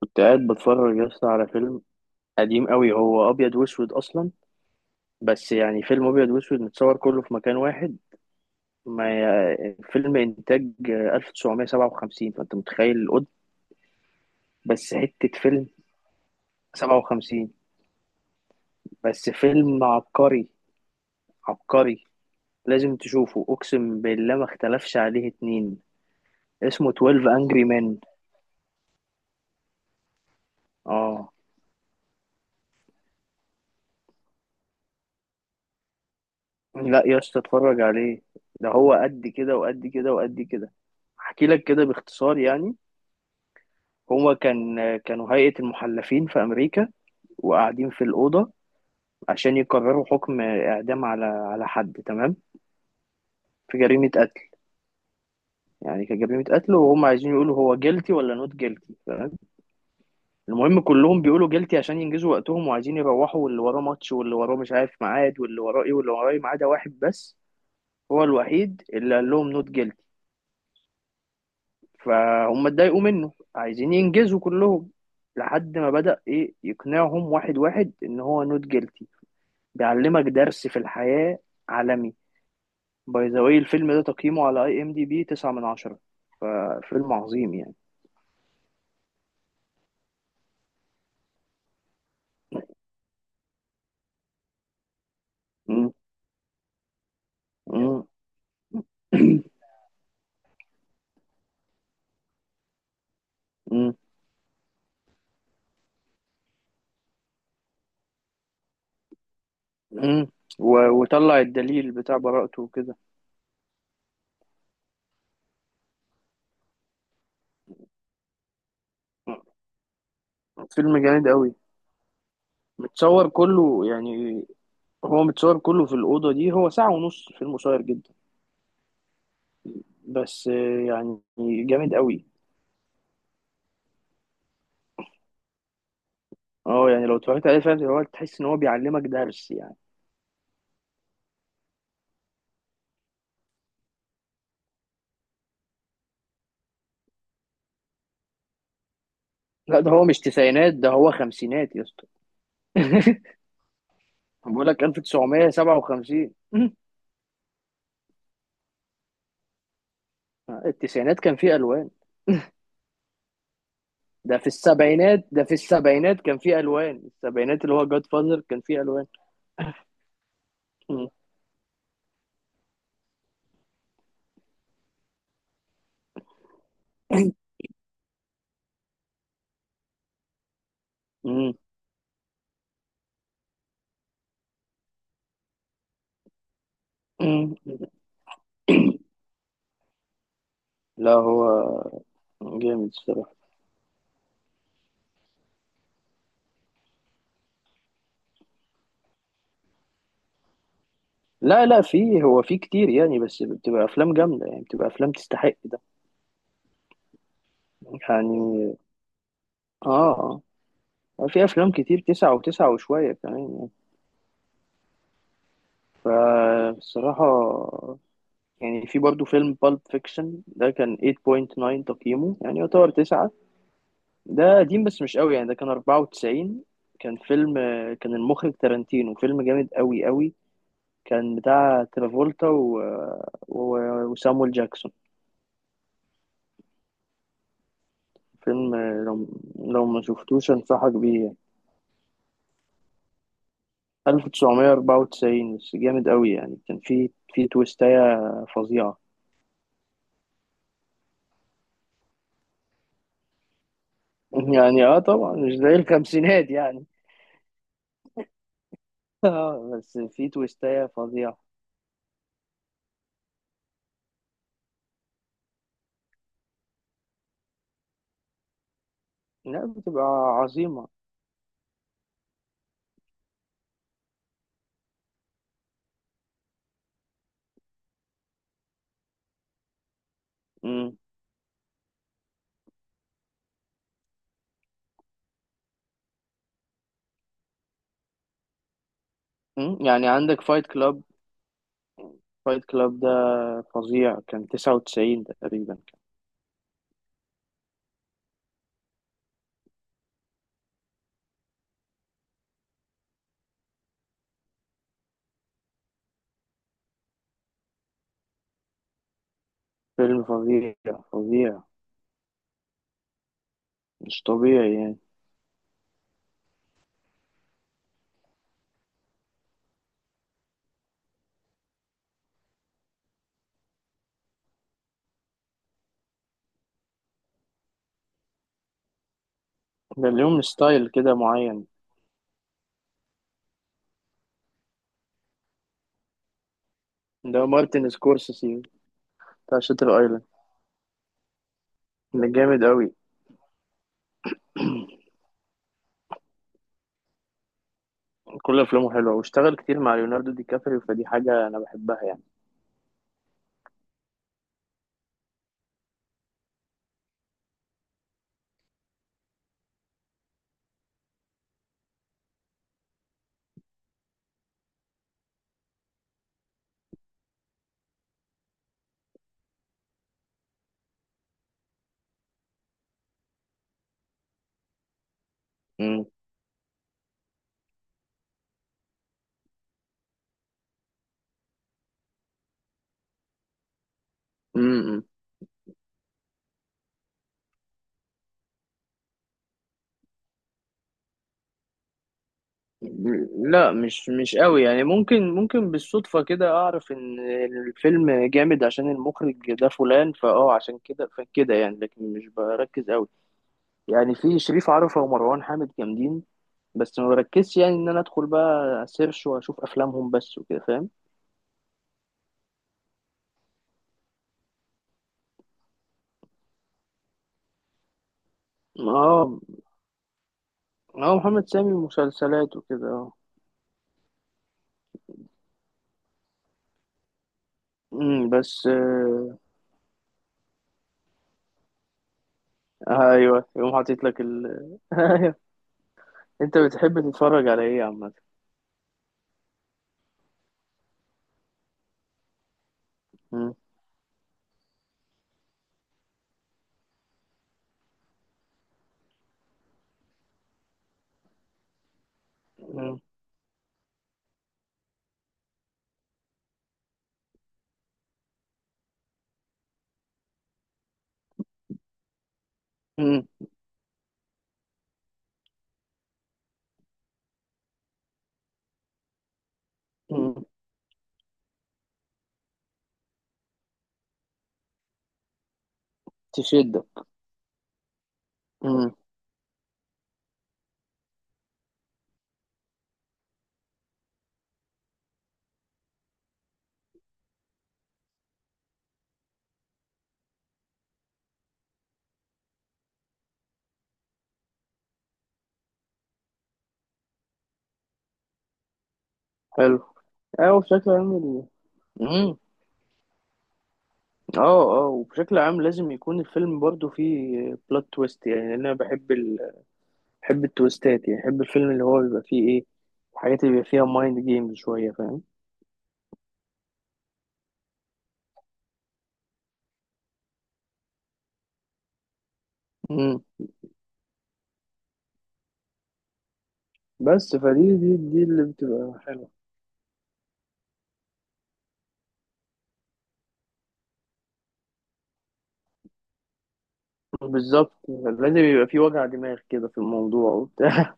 كنت قاعد بتفرج يا اسطى على فيلم قديم قوي، هو ابيض واسود اصلا. بس يعني فيلم ابيض واسود متصور كله في مكان واحد. ما فيلم انتاج 1957، فانت متخيل القد. بس حتة فيلم. 57. بس فيلم عبقري، عبقري. لازم تشوفه، اقسم بالله ما اختلفش عليه اتنين. اسمه 12 Angry Men. اه. لا يا اسطى، اتفرج عليه. ده هو قد كده وقد كده وقد كده. احكي لك كده باختصار يعني. هو كانوا هيئة المحلفين في أمريكا، وقاعدين في الأوضة عشان يقرروا حكم إعدام على حد، تمام، في جريمة قتل. يعني كجريمة قتل، وهم عايزين يقولوا هو جيلتي ولا نوت جيلتي، تمام. المهم كلهم بيقولوا جيلتي عشان ينجزوا وقتهم وعايزين يروحوا، واللي وراه ماتش واللي وراه مش عارف ميعاد واللي وراه إيه واللي وراه إيه، ما عدا واحد بس. هو الوحيد اللي قال لهم نوت جيلتي، فهم اتضايقوا منه، عايزين ينجزوا كلهم، لحد ما بدأ إيه يقنعهم واحد واحد إن هو نوت جيلتي. بيعلمك درس في الحياة عالمي. باي ذا واي، الفيلم ده تقييمه على IMDb 9 من 10، ففيلم عظيم يعني. مم. مم. مم. مم. و- وطلع الدليل بتاع براءته وكده. فيلم جامد قوي. متصور كله يعني، هو متصور كله في الأوضة دي، هو ساعة ونص، فيلم قصير جدا، بس يعني، جامد قوي. اه يعني لو اتفرجت عليه فعلا هو تحس ان هو بيعلمك درس يعني. لا ده هو مش تسعينات، ده هو خمسينات يا اسطى. بقول لك 1957. التسعينات كان فيه الوان. ده في السبعينات، ده في السبعينات كان فيه الوان. السبعينات اللي هو جاد فازر كان فيه الوان. مم. مم. مم. لا هو جامد الصراحه. لا لا فيه، هو فيه كتير يعني، بس بتبقى افلام جامده يعني، بتبقى افلام تستحق ده يعني. اه. اه في افلام كتير تسعة وتسعة وشويه كمان يعني. فالصراحه يعني، في برضو فيلم بالب فيكشن ده كان 8.9 تقييمه، يعني يعتبر 9. ده قديم بس مش قوي يعني، ده كان 94. كان فيلم، كان المخرج تارانتينو، فيلم جامد قوي قوي. كان بتاع ترافولتا و... وسامويل جاكسون. فيلم، لو ما شفتوش انصحك بيه يعني. 1994، بس جامد قوي يعني، كان في تويستاية فظيعة. يعني اه طبعا مش زي الخمسينات يعني. اه بس في تويستاية فظيعة. لا بتبقى عظيمة. مم. مم. يعني عندك فايت كلاب. فايت كلاب ده فظيع، كان 99 تقريبا. فيلم فظيع، فظيع، مش طبيعي يعني. ده ليهم ستايل كده معين. ده مارتن سكورسيزي، بتاع شاتر ايلاند، ده جامد قوي. كل افلامه حلوه، واشتغل كتير مع ليوناردو دي كابريو، فدي حاجه انا بحبها يعني. امم. لا مش قوي يعني، ممكن بالصدفة كده أعرف إن الفيلم جامد عشان المخرج ده فلان، فأه عشان كده فكده يعني، لكن مش بركز قوي يعني. في شريف عرفة ومروان حامد جامدين، بس ما بركزش يعني إن أنا أدخل بقى سيرش وأشوف أفلامهم بس وكده، فاهم. أه. أه، محمد سامي مسلسلات وكده، أه. أمم، بس أيوه، يقوم حاطط لك ال. أيوه. أنت بتحب تتفرج على إيه عامة؟ أمم. أمم. أمم. أمم. تشد. امم. حلو. اه وبشكل عام امم. اه. اه وبشكل عام لازم يكون الفيلم برضو فيه بلوت تويست يعني، لأن انا بحب بحب التويستات، يعني بحب الفيلم اللي هو بيبقى فيه ايه، الحاجات اللي بيبقى فيها مايند جيمز شوية، فاهم. امم. بس فدي، دي دي اللي بتبقى حلوة. بالظبط، لازم يبقى فيه وجع دماغ كده في الموضوع وبتاع.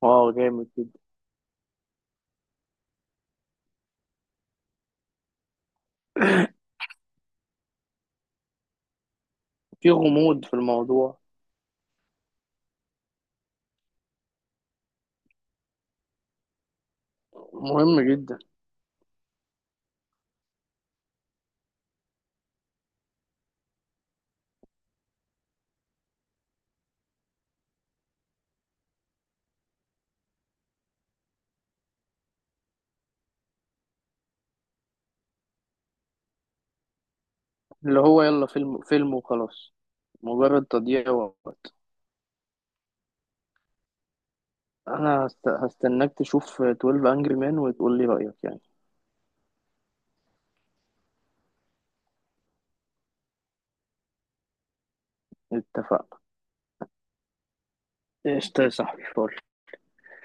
اه جامد جدا. في غموض في الموضوع. مهم جدا. اللي هو يلا فيلم فيلم وخلاص، مجرد تضييع وقت. انا هستناك تشوف 12 انجري مان وتقول لي رأيك يعني. اتفقنا. قشطة يا صاحبي.